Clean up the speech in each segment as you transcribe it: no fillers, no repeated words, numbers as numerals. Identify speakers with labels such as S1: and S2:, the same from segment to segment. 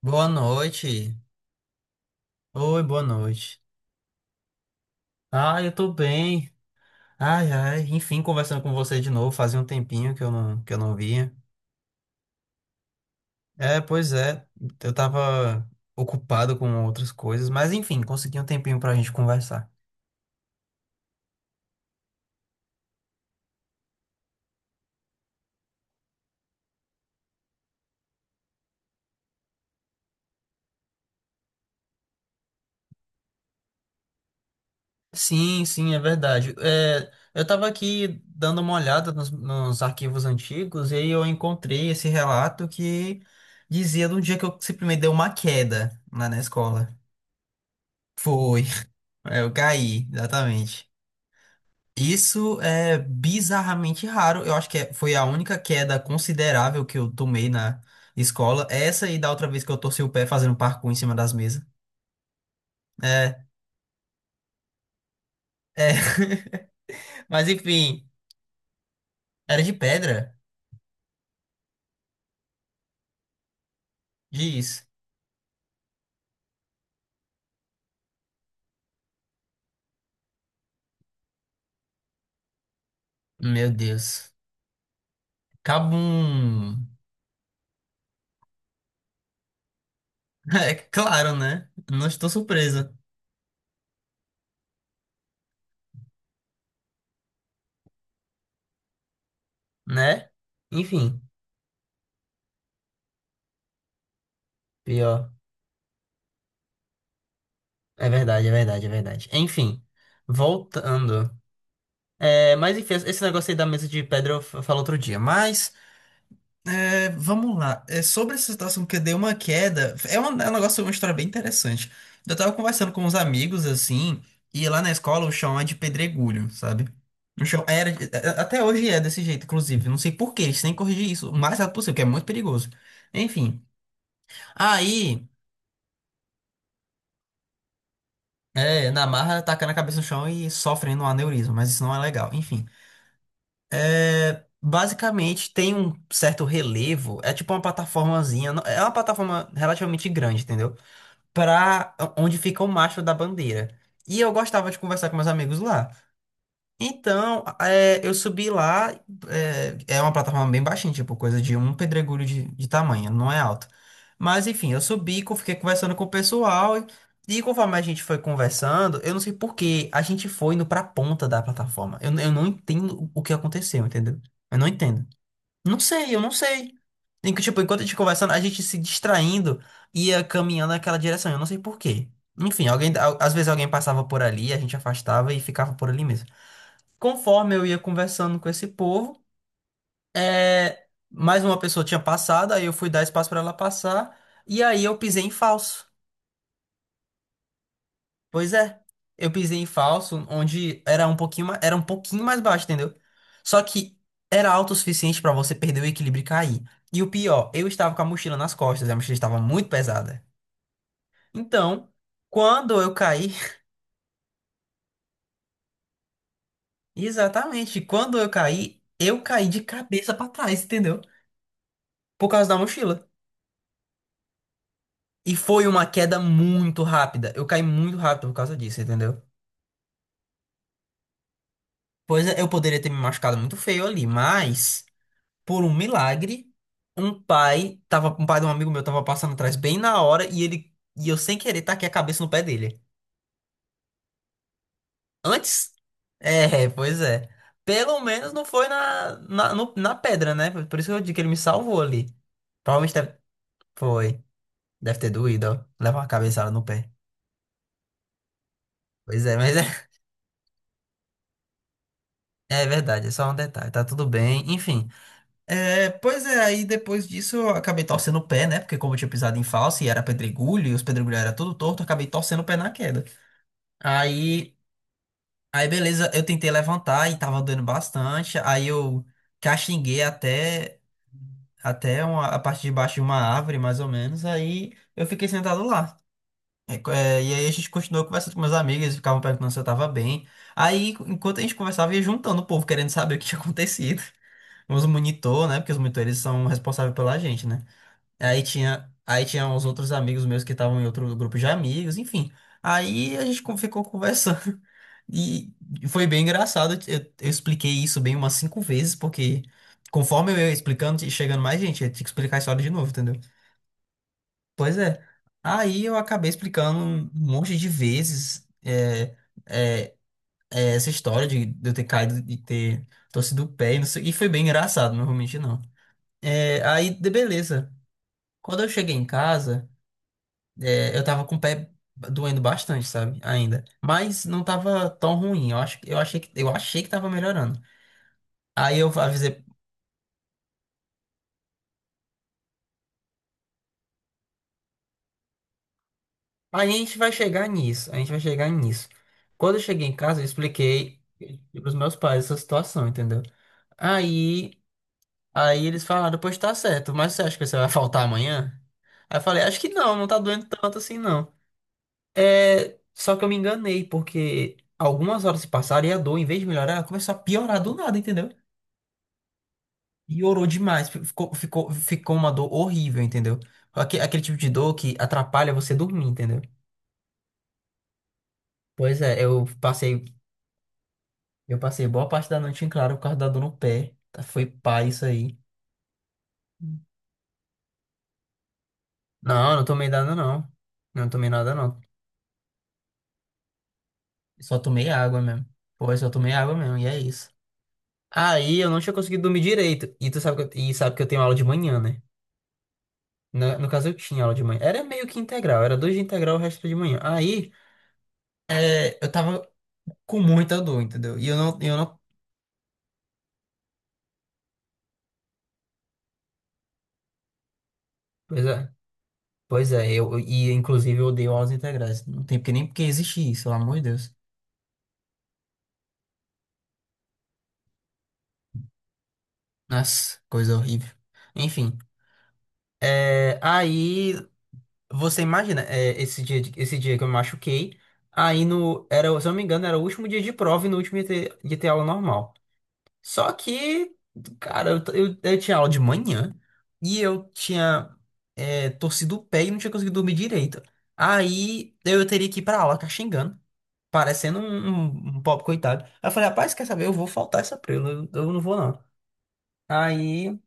S1: Boa noite. Oi, boa noite. Ah, eu tô bem. Ai, ai, enfim, conversando com você de novo. Fazia um tempinho que eu não vinha. É, pois é. Eu tava ocupado com outras coisas, mas enfim, consegui um tempinho pra gente conversar. Sim, sim, é verdade. É, eu tava aqui dando uma olhada nos arquivos antigos e aí eu encontrei esse relato que dizia de um dia que eu simplesmente dei uma queda lá na escola. Foi, eu caí, exatamente. Isso é bizarramente raro. Eu acho que foi a única queda considerável que eu tomei na escola. Essa e da outra vez que eu torci o pé fazendo parkour em cima das mesas. É, é. Mas enfim, era de pedra? Diz. Meu Deus. Cabum. É claro, né? Não estou surpresa, né? Enfim, pior. É verdade, é verdade, é verdade. Enfim, voltando. É, mas enfim, esse negócio aí da mesa de pedra eu falo outro dia. Mas. É, vamos lá. É, sobre essa situação que eu dei uma queda, é um negócio, uma história bem interessante. Eu tava conversando com uns amigos, assim, e lá na escola o chão é de pedregulho, sabe? O chão até hoje é desse jeito, inclusive. Não sei por quê, eles têm que corrigir isso o mais rápido possível, que é muito perigoso. Enfim, aí, na marra, tacando a cabeça no chão e sofrendo um aneurisma, mas isso não é legal. Enfim. Basicamente tem um certo relevo, é tipo uma plataformazinha, é uma plataforma relativamente grande, entendeu? Pra onde fica o mastro da bandeira. E eu gostava de conversar com meus amigos lá. Então, eu subi lá, é uma plataforma bem baixinha, tipo, coisa de um pedregulho de tamanho, não é alto. Mas enfim, eu subi, fiquei conversando com o pessoal, e conforme a gente foi conversando, eu não sei por que a gente foi indo pra ponta da plataforma. Eu não entendo o que aconteceu, entendeu? Eu não entendo. Não sei, eu não sei. Em que, tipo, enquanto a gente conversando, a gente se distraindo ia caminhando naquela direção. Eu não sei por quê. Enfim, às vezes alguém passava por ali, a gente afastava e ficava por ali mesmo. Conforme eu ia conversando com esse povo, mais uma pessoa tinha passado, aí eu fui dar espaço pra ela passar, e aí eu pisei em falso. Pois é, eu pisei em falso, onde era um pouquinho, era um pouquinho mais baixo, entendeu? Só que era alto o suficiente pra você perder o equilíbrio e cair. E o pior, eu estava com a mochila nas costas, e a mochila estava muito pesada. Então, quando eu caí, exatamente, quando eu caí de cabeça pra trás, entendeu? Por causa da mochila. E foi uma queda muito rápida. Eu caí muito rápido por causa disso, entendeu? Pois é, eu poderia ter me machucado muito feio ali, mas por um milagre, um pai de um amigo meu tava passando atrás bem na hora e ele e eu sem querer taquei a cabeça no pé dele. Antes? É, pois é. Pelo menos não foi na, na, no- na pedra, né? Por isso que eu digo que ele me salvou ali. Provavelmente deve, foi. Deve ter doído, ó. Levar uma cabeçada no pé. Pois é, mas é, é verdade, é só um detalhe, tá tudo bem, enfim. É, pois é, aí depois disso eu acabei torcendo o pé, né? Porque como eu tinha pisado em falso e era pedregulho, e os pedregulhos eram tudo torto, eu acabei torcendo o pé na queda. Aí, aí beleza, eu tentei levantar e tava doendo bastante. Aí eu caxinguei até a parte de baixo de uma árvore, mais ou menos. Aí eu fiquei sentado lá. É, é, e aí a gente continuou conversando com meus amigos, eles ficavam perguntando se eu tava bem. Aí, enquanto a gente conversava, ia juntando o povo, querendo saber o que tinha acontecido. Os monitor, né? Porque os monitores são responsáveis pela gente, né? Aí tinha uns outros amigos meus que estavam em outro grupo de amigos, enfim. Aí a gente ficou conversando e foi bem engraçado. Eu expliquei isso bem umas cinco vezes, porque conforme eu ia explicando e chegando mais gente, eu tinha que explicar a história de novo, entendeu? Pois é. Aí eu acabei explicando um monte de vezes é, essa história de eu ter caído e ter torcido o pé, e foi bem engraçado, não vou mentir, não. É, aí, beleza. Quando eu cheguei em casa. É, eu tava com o pé doendo bastante, sabe? Ainda. Mas não tava tão ruim. Eu acho, eu achei que tava melhorando. Aí eu avisei, aí a gente vai chegar nisso, a gente vai chegar nisso. Quando eu cheguei em casa, eu expliquei pros meus pais essa situação, entendeu? Aí, aí eles falaram, pois tá certo, mas você acha que você vai faltar amanhã? Aí eu falei, acho que não, não tá doendo tanto assim, não. É, só que eu me enganei, porque algumas horas se passaram e a dor, em vez de melhorar, ela começou a piorar do nada, entendeu? E orou demais. Ficou uma dor horrível, entendeu? Aquele tipo de dor que atrapalha você dormir, entendeu? Pois é, eu passei boa parte da noite em claro por causa da dor no pé. Tá, foi pá isso aí. Não, eu não tomei nada não. Não tomei nada não. Só tomei água mesmo. Pô, eu só tomei água mesmo, e é isso. Aí eu não tinha conseguido dormir direito. E tu sabe que eu, e sabe que eu tenho aula de manhã, né? No caso, eu tinha aula de manhã. Era meio que integral, era dois de integral, o resto era de manhã. Aí. É, eu tava com muita dor, entendeu? E eu não, eu não. Pois é, pois é, eu, e inclusive eu odeio aulas integrais. Não tem porque nem porque existe isso, pelo amor de Deus. Nossa, coisa horrível. Enfim, é, aí você imagina, é, esse dia que eu me machuquei, aí no, se eu não me engano, era o último dia de prova e no último dia de ter, ia ter aula normal. Só que, cara, eu tinha aula de manhã e eu tinha torcido o pé e não tinha conseguido dormir direito. Aí eu teria que ir pra aula caxingando, parecendo um, um pobre coitado. Aí eu falei, rapaz, quer saber? Eu vou faltar essa prela, eu não vou não. Aí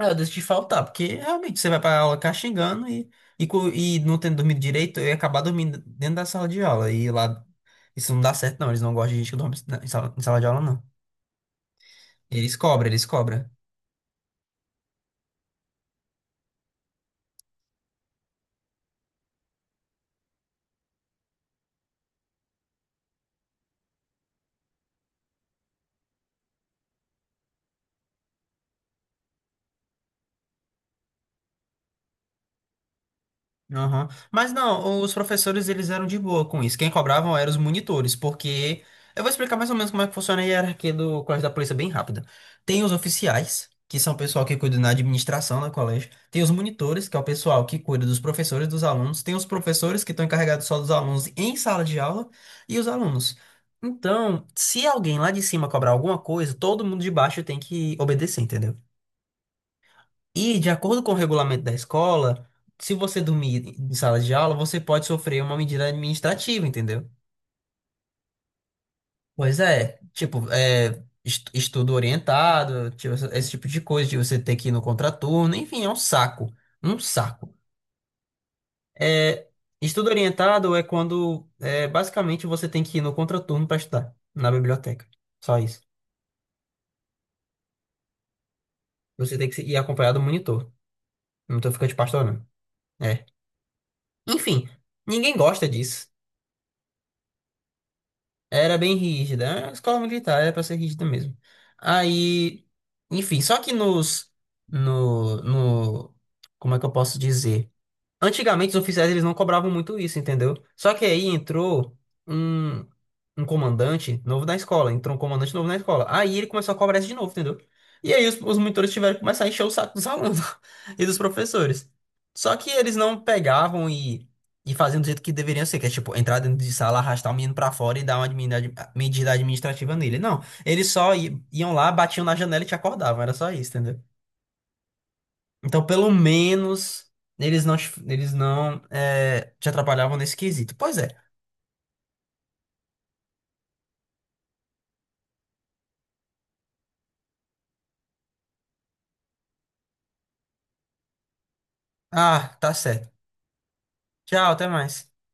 S1: eu decidi faltar, porque realmente você vai pra aula caxingando e, e não tendo dormido direito, eu ia acabar dormindo dentro da sala de aula. E lá, isso não dá certo não, eles não gostam de gente que dorme em sala de aula não. Eles cobram, eles cobram. Aham. Mas não, os professores eles eram de boa com isso. Quem cobravam eram os monitores, porque eu vou explicar mais ou menos como é que funciona a hierarquia do colégio da polícia bem rápida. Tem os oficiais, que são o pessoal que cuida na administração do colégio. Tem os monitores, que é o pessoal que cuida dos professores e dos alunos. Tem os professores que estão encarregados só dos alunos em sala de aula e os alunos. Então, se alguém lá de cima cobrar alguma coisa, todo mundo de baixo tem que obedecer, entendeu? E, de acordo com o regulamento da escola, se você dormir em sala de aula, você pode sofrer uma medida administrativa, entendeu? Pois é, tipo, é, estudo orientado, tipo, esse tipo de coisa, de você ter que ir no contraturno, enfim, é um saco, um saco. É, estudo orientado é quando, é, basicamente, você tem que ir no contraturno para estudar, na biblioteca, só isso. Você tem que ir acompanhado do monitor, não tô ficando de pastor, não. É. Enfim, ninguém gosta disso. Era bem rígida. Era uma escola militar, era pra ser rígida mesmo. Aí, enfim, só que nos, no, no, como é que eu posso dizer? Antigamente os oficiais eles não cobravam muito isso, entendeu? Só que aí um, entrou um comandante novo na escola. Aí ele começou a cobrar isso de novo, entendeu? E aí os monitores tiveram que começar a encher o saco dos alunos e dos professores. Só que eles não pegavam e, faziam do jeito que deveriam ser, que é tipo entrar dentro de sala, arrastar o menino pra fora e dar uma medida administrativa nele. Não, eles só iam lá, batiam na janela e te acordavam, era só isso, entendeu? Então, pelo menos, eles não te atrapalhavam nesse quesito. Pois é. Ah, tá certo. Tchau, até mais.